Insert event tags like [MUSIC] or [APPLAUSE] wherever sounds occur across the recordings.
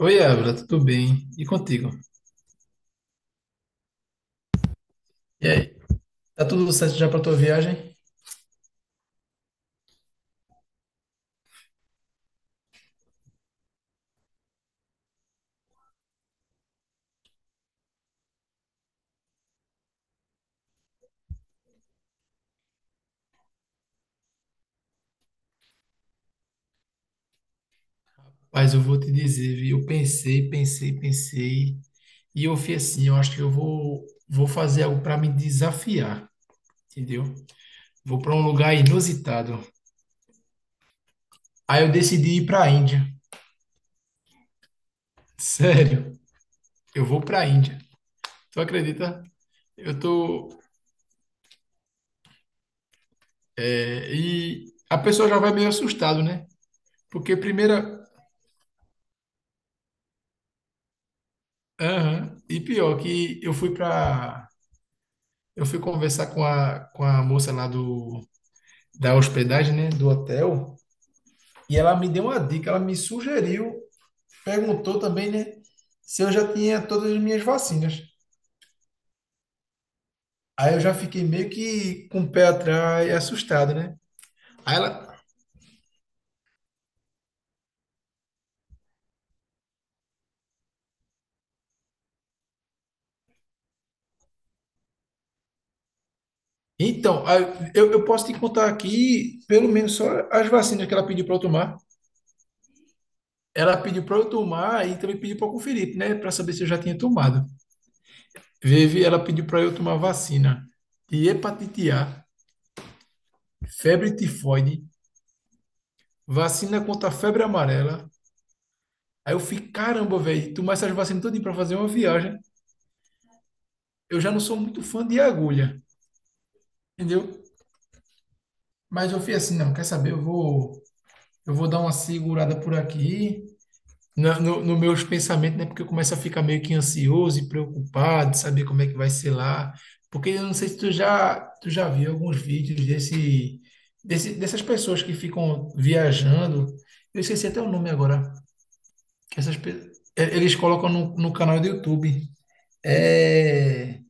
Oi, Ávila, tudo bem? E contigo? E aí, tá tudo certo já pra tua viagem? Mas eu vou te dizer, viu? Eu pensei, pensei, pensei, e eu fui assim, eu acho que eu vou fazer algo para me desafiar, entendeu? Vou para um lugar inusitado. Aí eu decidi ir para a Índia. [LAUGHS] Sério, eu vou para a Índia. Tu acredita? Eu tô, e a pessoa já vai meio assustado, né? Porque primeira, aham, e pior que eu fui conversar com a moça lá da hospedagem, né, do hotel, e ela me deu uma dica, ela me sugeriu, perguntou também, né, se eu já tinha todas as minhas vacinas. Aí eu já fiquei meio que com o pé atrás, assustado, né? Aí ela, então, aí eu posso te contar aqui, pelo menos só as vacinas que ela pediu para eu tomar. Ela pediu para eu tomar e também pediu para conferir, né, para saber se eu já tinha tomado. Vivi, ela pediu para eu tomar vacina de hepatite A, febre tifoide, vacina contra a febre amarela. Aí eu fiquei, caramba, velho, tomar essas vacinas todinha pra fazer uma viagem. Eu já não sou muito fã de agulha, entendeu? Mas eu fui assim, não, quer saber? Eu vou dar uma segurada por aqui, no meus pensamentos, né? Porque eu começo a ficar meio que ansioso e preocupado, de saber como é que vai ser lá. Porque eu não sei se tu já viu alguns vídeos desse, dessas pessoas que ficam viajando. Eu esqueci até o nome agora. Que essas pe- eh, eles colocam no, no canal do YouTube. É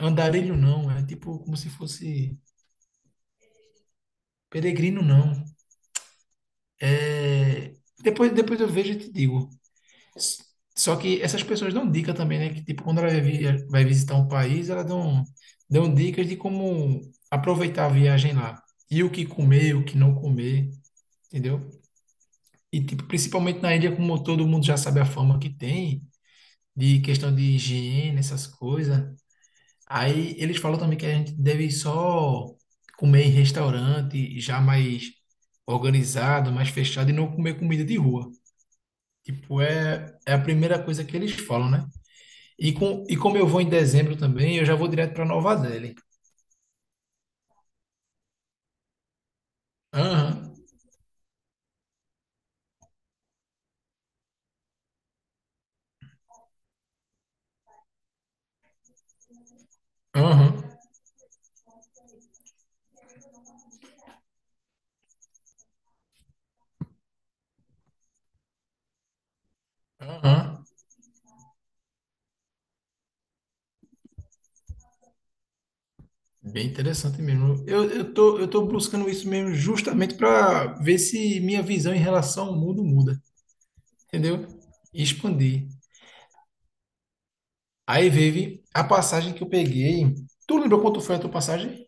andarilho não, é tipo como se fosse peregrino não. É depois eu vejo e te digo. S- Só que essas pessoas dão dica também, né? Que tipo quando ela vai visitar um país, elas dão dicas de como aproveitar a viagem lá e o que comer, o que não comer, entendeu? E tipo principalmente na ilha como todo mundo já sabe a fama que tem de questão de higiene, essas coisas. Aí eles falam também que a gente deve só comer em restaurante já mais organizado, mais fechado e não comer comida de rua. Tipo, é a primeira coisa que eles falam, né? E como eu vou em dezembro também, eu já vou direto para Nova Delhi. Aham, aham, aham. Bem interessante mesmo. Eu tô buscando isso mesmo justamente para ver se minha visão em relação ao mundo muda, entendeu? E expandir. Aí veio a passagem que eu peguei. Tu lembrou quanto foi a tua passagem?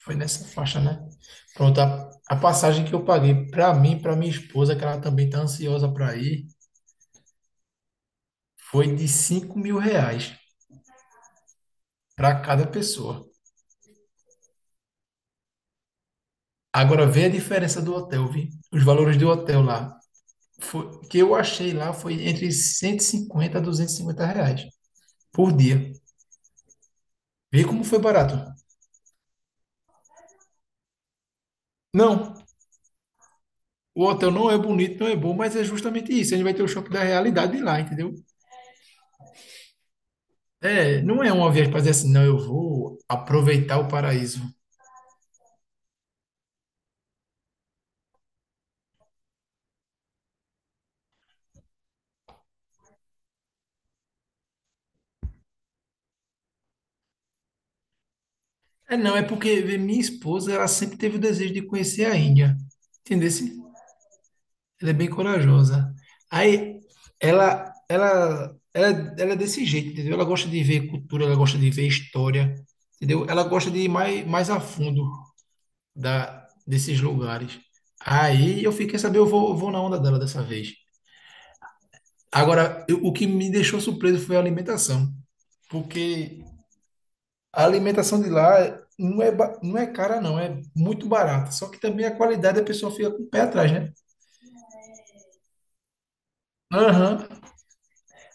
Foi nessa faixa, né? Pronto, a passagem que eu paguei para mim, para minha esposa, que ela também tá ansiosa para ir, foi de R$ 5.000 para cada pessoa. Agora vê a diferença do hotel, vi? Os valores do hotel lá. Foi, que eu achei lá foi entre 150 a R$ 250 por dia. Vê como foi barato. Não, o hotel não é bonito, não é bom, mas é justamente isso. A gente vai ter o choque da realidade lá, entendeu? É, não é uma viagem para dizer assim, não, eu vou aproveitar o paraíso. É, não, é porque vê, minha esposa, ela sempre teve o desejo de conhecer a Índia. Entendeu? Ela é bem corajosa. Aí, ela, ela, ela, ela é desse jeito, entendeu? Ela gosta de ver cultura, ela gosta de ver história, entendeu? Ela gosta de ir mais a fundo desses lugares. Aí, eu fiquei saber, eu vou na onda dela dessa vez. Agora, o que me deixou surpreso foi a alimentação, porque a alimentação de lá não é cara, não, é muito barata. Só que também a qualidade a pessoa fica com o pé atrás, né? Aham.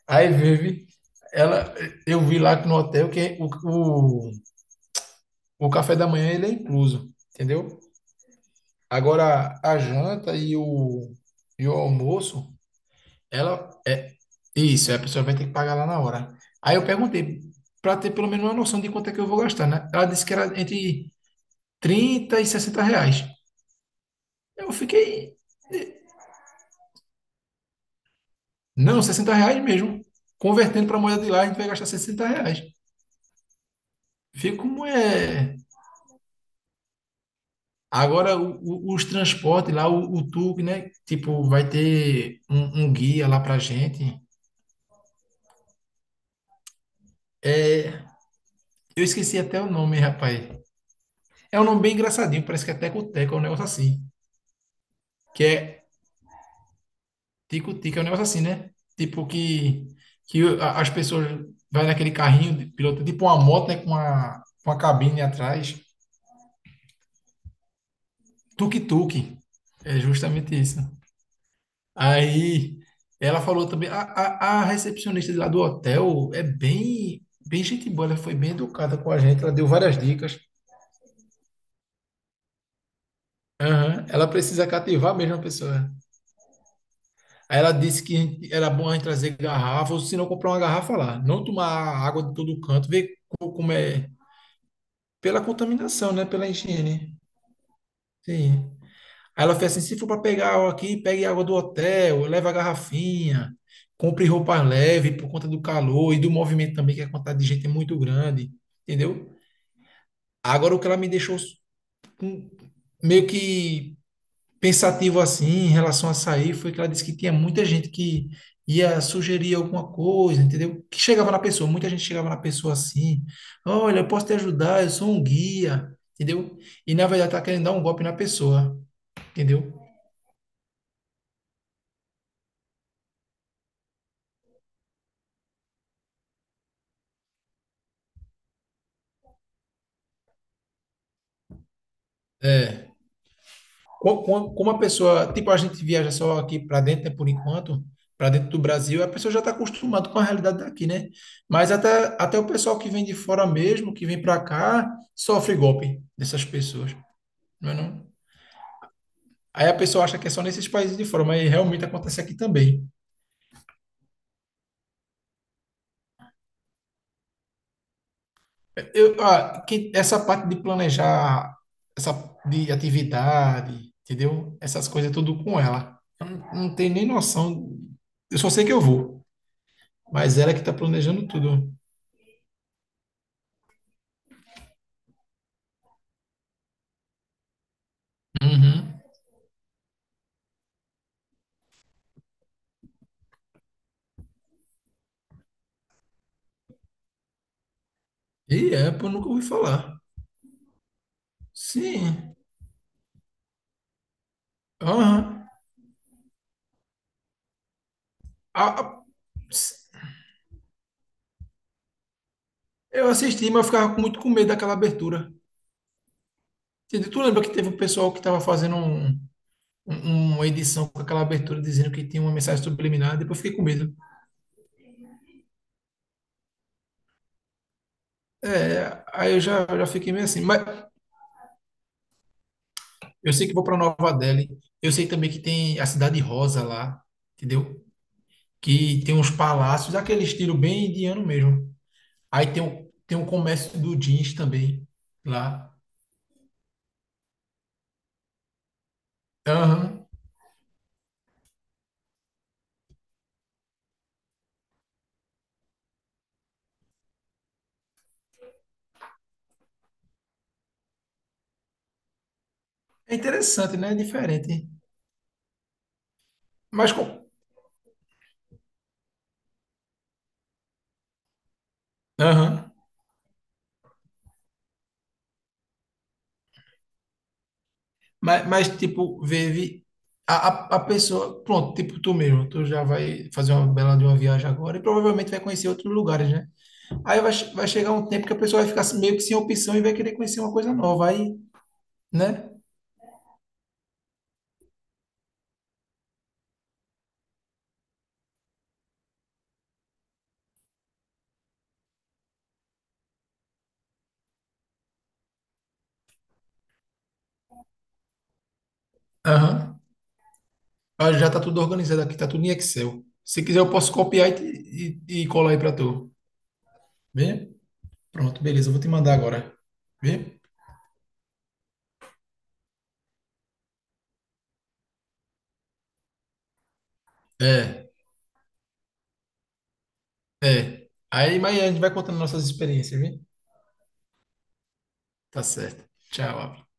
Aí vive. Ela, eu vi lá no hotel que o, o café da manhã ele é incluso, entendeu? Agora a janta e o almoço, ela é isso, a pessoa vai ter que pagar lá na hora. Aí eu perguntei, para ter pelo menos uma noção de quanto é que eu vou gastar, né? Ela disse que era entre 30 e R$ 60. Eu fiquei. Não, R$ 60 mesmo. Convertendo para moeda de lá, a gente vai gastar R$ 60. Vê como é. Agora, os transportes lá, o tour, né? Tipo, vai ter um guia lá pra gente. É, eu esqueci até o nome, rapaz. É um nome bem engraçadinho, parece que é Teco-Teco, é um negócio assim. Que é Tico-Tico, é um negócio assim, né? Tipo que as pessoas vai naquele carrinho de piloto, tipo uma moto, né? Com uma cabine atrás. Tuk-tuk. É justamente isso. Aí ela falou também, a recepcionista de lá do hotel é bem, bem gente boa, ela foi bem educada com a gente, ela deu várias dicas. Aham. Ela precisa cativar mesmo a pessoa. Aí ela disse que era bom a gente trazer garrafa, ou se não comprar uma garrafa lá, não tomar água de todo canto, ver como é, pela contaminação, né, pela higiene. Sim. Aí ela fez assim: se for para pegar água aqui, pegue água do hotel, leva a garrafinha, compre roupa leve por conta do calor e do movimento também, que a quantidade de gente é muito grande, entendeu? Agora o que ela me deixou com- meio que pensativo assim em relação a sair foi que ela disse que tinha muita gente que ia sugerir alguma coisa, entendeu? Que chegava na pessoa, muita gente chegava na pessoa assim: olha, eu posso te ajudar, eu sou um guia, entendeu? E na verdade tá querendo dar um golpe na pessoa, entendeu? É. Como a pessoa, tipo, a gente viaja só aqui para dentro, né, por enquanto, para dentro do Brasil, a pessoa já está acostumada com a realidade daqui, né? Mas até o pessoal que vem de fora mesmo, que vem para cá, sofre golpe dessas pessoas, não é não? Aí a pessoa acha que é só nesses países de fora, mas realmente acontece aqui também. Essa parte de planejar, essa de atividade, entendeu? Essas coisas tudo com ela. Eu não tenho nem noção. Eu só sei que eu vou, mas ela é que está planejando tudo. Uhum. E é, pô, nunca ouvi falar. Sim. Aham. A- a- ps- eu assisti, mas eu ficava muito com medo daquela abertura. Entendeu? Tu lembra que teve um pessoal que estava fazendo um, uma edição com aquela abertura dizendo que tinha uma mensagem subliminar, depois eu fiquei com medo. É, aí eu já fiquei meio assim. Mas eu sei que vou para Nova Delhi. Eu sei também que tem a Cidade Rosa lá, entendeu? Que tem uns palácios, aquele estilo bem indiano mesmo. Aí tem o comércio do jeans também lá. Aham. É interessante, né? É diferente. Mas com. Aham. Tipo, vive a pessoa. Pronto, tipo, tu mesmo. Tu já vai fazer uma bela de uma viagem agora e provavelmente vai conhecer outros lugares, né? Aí vai chegar um tempo que a pessoa vai ficar meio que sem opção e vai querer conhecer uma coisa nova. Aí, né? Aham. Ah, já tá tudo organizado aqui, tá tudo em Excel. Se quiser, eu posso copiar e colar aí pra tu. Vê? Pronto, beleza. Eu vou te mandar agora. Vê? É, é. Aí, mas a gente vai contando nossas experiências, viu? Tá certo. Tchau.